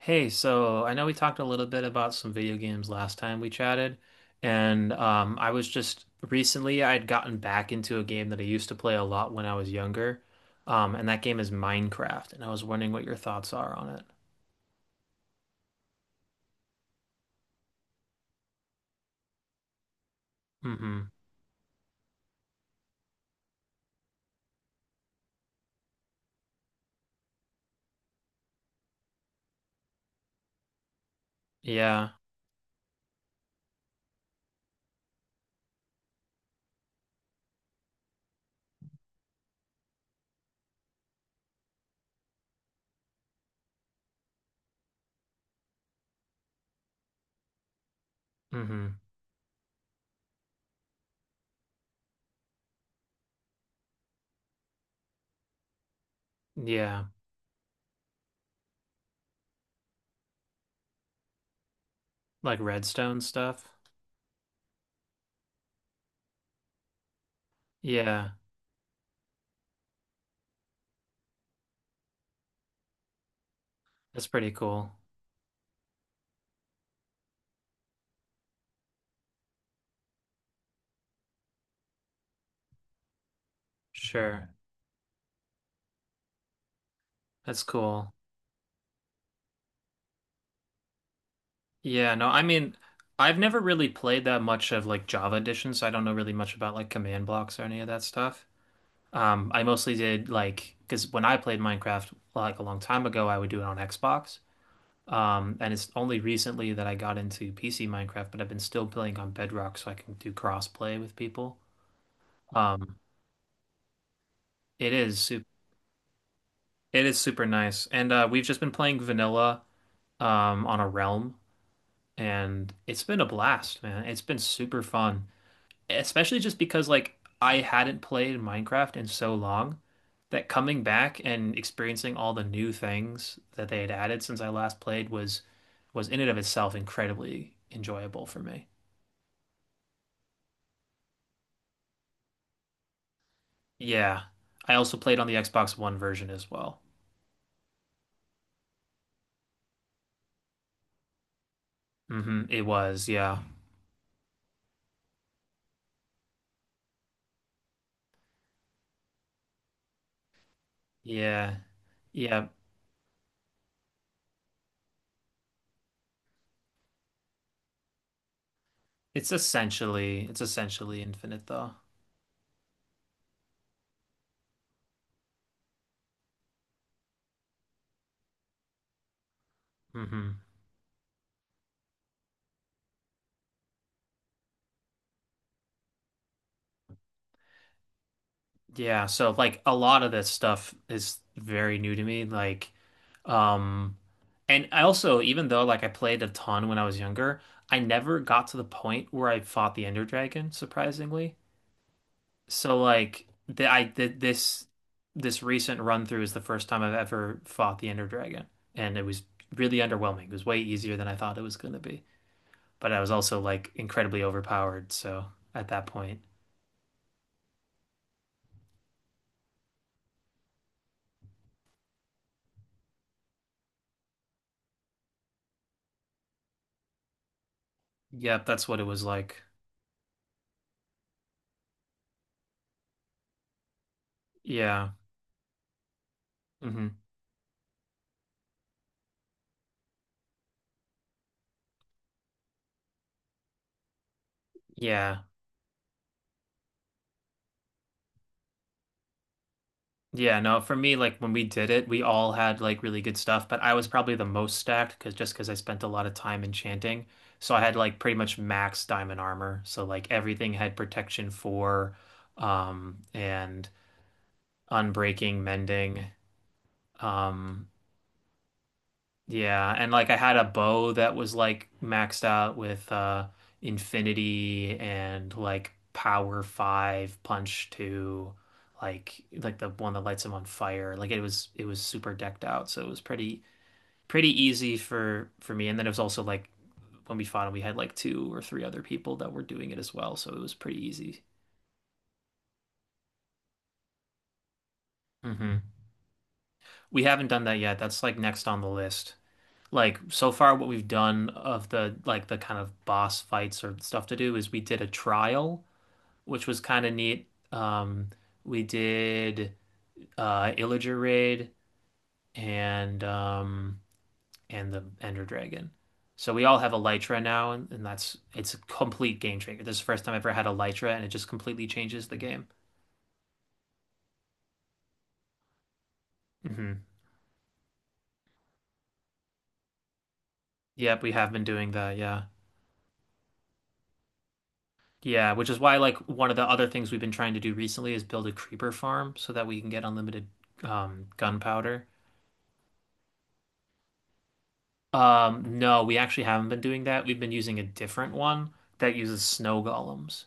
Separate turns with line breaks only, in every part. Hey, so I know we talked a little bit about some video games last time we chatted, and I was just recently I had gotten back into a game that I used to play a lot when I was younger. And that game is Minecraft, and I was wondering what your thoughts are on it. Mm-hmm. Yeah. Mm-hmm. Yeah. Like redstone stuff. Yeah, that's pretty cool. Sure. That's cool. Yeah, no, I mean, I've never really played that much of like Java Edition, so I don't know really much about like command blocks or any of that stuff. I mostly did like because when I played Minecraft like a long time ago, I would do it on Xbox. And it's only recently that I got into PC Minecraft, but I've been still playing on Bedrock so I can do crossplay with people. Um, it is super, it is super nice. And we've just been playing vanilla on a realm, and it's been a blast, man. It's been super fun, especially just because like I hadn't played Minecraft in so long that coming back and experiencing all the new things that they had added since I last played was in and of itself incredibly enjoyable for me. Yeah. I also played on the Xbox One version as well. Hmm. It was, yeah. Yeah. Yeah. It's essentially infinite though. Hmm. Yeah, so like a lot of this stuff is very new to me. Like, um And I also, even though like I played a ton when I was younger, I never got to the point where I fought the Ender Dragon, surprisingly. So like the I did this recent run through is the first time I've ever fought the Ender Dragon, and it was really underwhelming. It was way easier than I thought it was going to be, but I was also like incredibly overpowered. So at that point, yep, that's what it was like. Yeah. Hmm. Yeah. Yeah, no, for me, like when we did it, we all had like really good stuff, but I was probably the most stacked because just because I spent a lot of time enchanting. So I had like pretty much max diamond armor. So like everything had protection four, and unbreaking, mending, um, yeah, and like I had a bow that was like maxed out with infinity and like power five, punch two, like the one that lights him on fire. Like it was super decked out, so it was pretty easy for me. And then it was also like when we fought him, we had like two or three other people that were doing it as well, so it was pretty easy. Hmm. We haven't done that yet. That's like next on the list. Like so far what we've done of the like the kind of boss fights or stuff to do is we did a trial, which was kind of neat. We did Illager raid, and um and the Ender Dragon. So we all have Elytra now, and that's it's a complete game changer. This is the first time I've ever had Elytra, and it just completely changes the game. Hmm. Yep, we have been doing that, yeah. Yeah, which is why like one of the other things we've been trying to do recently is build a creeper farm so that we can get unlimited gunpowder. No, we actually haven't been doing that. We've been using a different one that uses snow golems.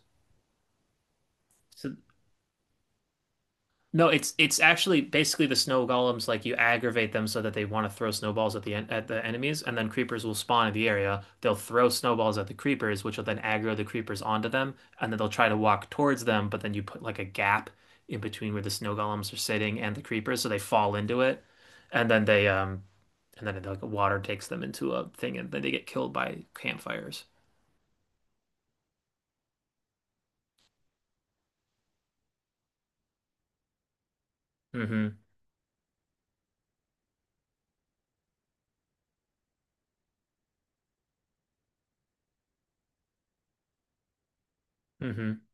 So no, it's actually basically the snow golems, like you aggravate them so that they want to throw snowballs at the en at the enemies, and then creepers will spawn in the area. They'll throw snowballs at the creepers, which will then aggro the creepers onto them, and then they'll try to walk towards them, but then you put like a gap in between where the snow golems are sitting and the creepers so they fall into it, and then they um and then like water takes them into a thing and then they get killed by campfires. Mm-hmm. Mm-hmm.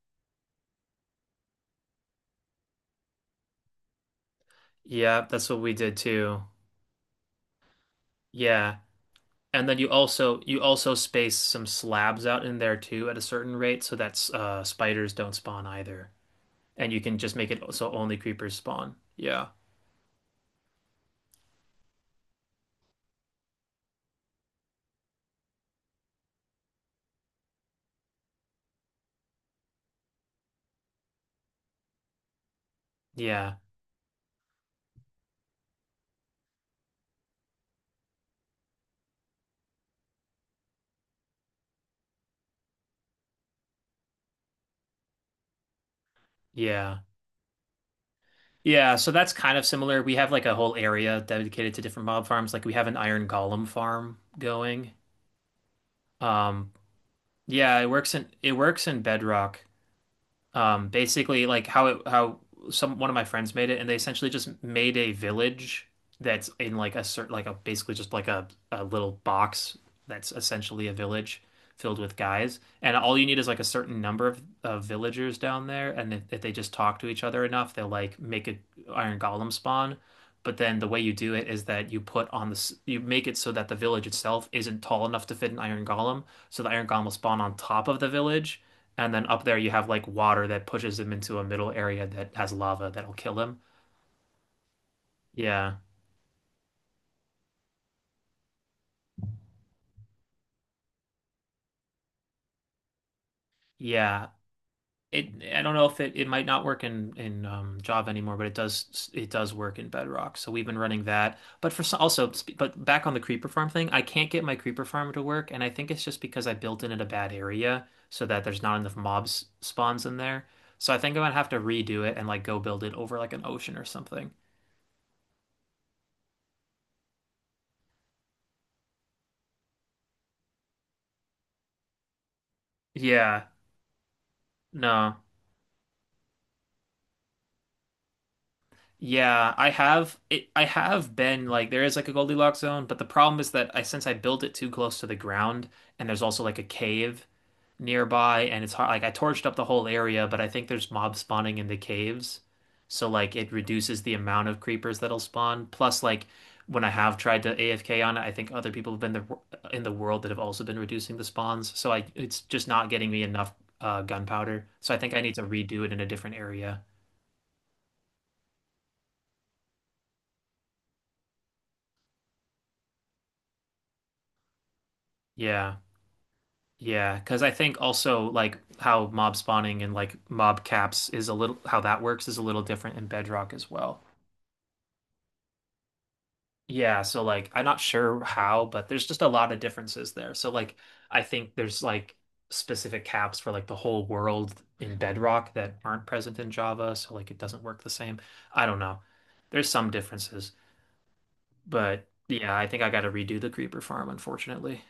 Yeah, that's what we did too. Yeah. And then you also space some slabs out in there too at a certain rate so that spiders don't spawn either. And you can just make it so only creepers spawn. Yeah. Yeah. Yeah. Yeah, so that's kind of similar. We have like a whole area dedicated to different mob farms. Like we have an iron golem farm going. Um yeah, it works in Bedrock. Basically, like how some one of my friends made it, and they essentially just made a village that's in like a certain like a basically just like a little box that's essentially a village filled with guys, and all you need is like a certain number of villagers down there, and if they just talk to each other enough, they'll like make a iron golem spawn. But then the way you do it is that you put on this, you make it so that the village itself isn't tall enough to fit an iron golem. So the iron golem will spawn on top of the village. And then up there you have like water that pushes him into a middle area that has lava that'll kill him. Yeah. Yeah. It I don't know if it might not work in Java anymore, but it does work in Bedrock. So we've been running that. But for some, also, but back on the creeper farm thing, I can't get my creeper farm to work, and I think it's just because I built in at a bad area so that there's not enough mobs spawns in there. So I think I'm gonna have to redo it and like go build it over like an ocean or something. Yeah, no. Yeah, I have been like there is like a Goldilocks zone, but the problem is that I since I built it too close to the ground, and there's also like a cave nearby, and it's hard like I torched up the whole area, but I think there's mob spawning in the caves. So like it reduces the amount of creepers that'll spawn. Plus like when I have tried to AFK on it, I think other people in the world that have also been reducing the spawns. So I it's just not getting me enough gunpowder. So I think I need to redo it in a different area. Yeah. Yeah, because I think also like how mob spawning and like mob caps is a little how that works is a little different in Bedrock as well. Yeah, so like I'm not sure how, but there's just a lot of differences there. So like I think there's like specific caps for like the whole world in Bedrock that aren't present in Java, so like it doesn't work the same. I don't know. There's some differences, but yeah, I think I got to redo the creeper farm, unfortunately.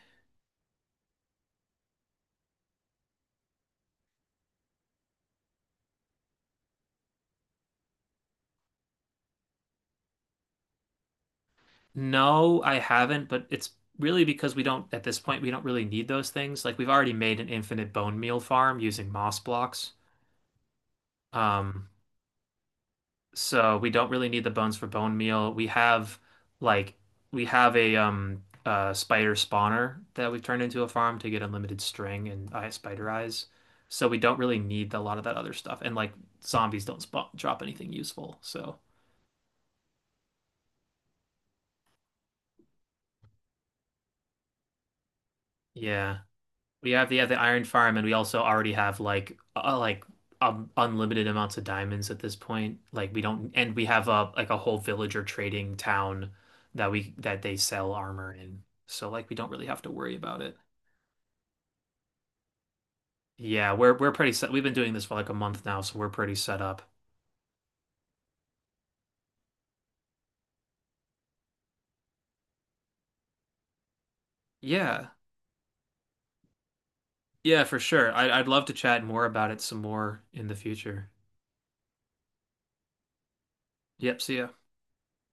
No, I haven't, but it's really because we don't, at this point, we don't really need those things. Like we've already made an infinite bone meal farm using moss blocks. Um, so we don't really need the bones for bone meal. Like we have a spider spawner that we've turned into a farm to get unlimited string and eye spider eyes. So we don't really need a lot of that other stuff. And like zombies don't spawn, drop anything useful. So yeah. We have the, yeah, the iron farm, and we also already have like unlimited amounts of diamonds at this point. Like we don't, and we have a like a whole villager trading town that we that they sell armor in. So like we don't really have to worry about it. Yeah, we're pretty set. We've been doing this for like a month now, so we're pretty set up. Yeah, yeah, for sure. I'd love to chat more about it some more in the future. Yep, see ya.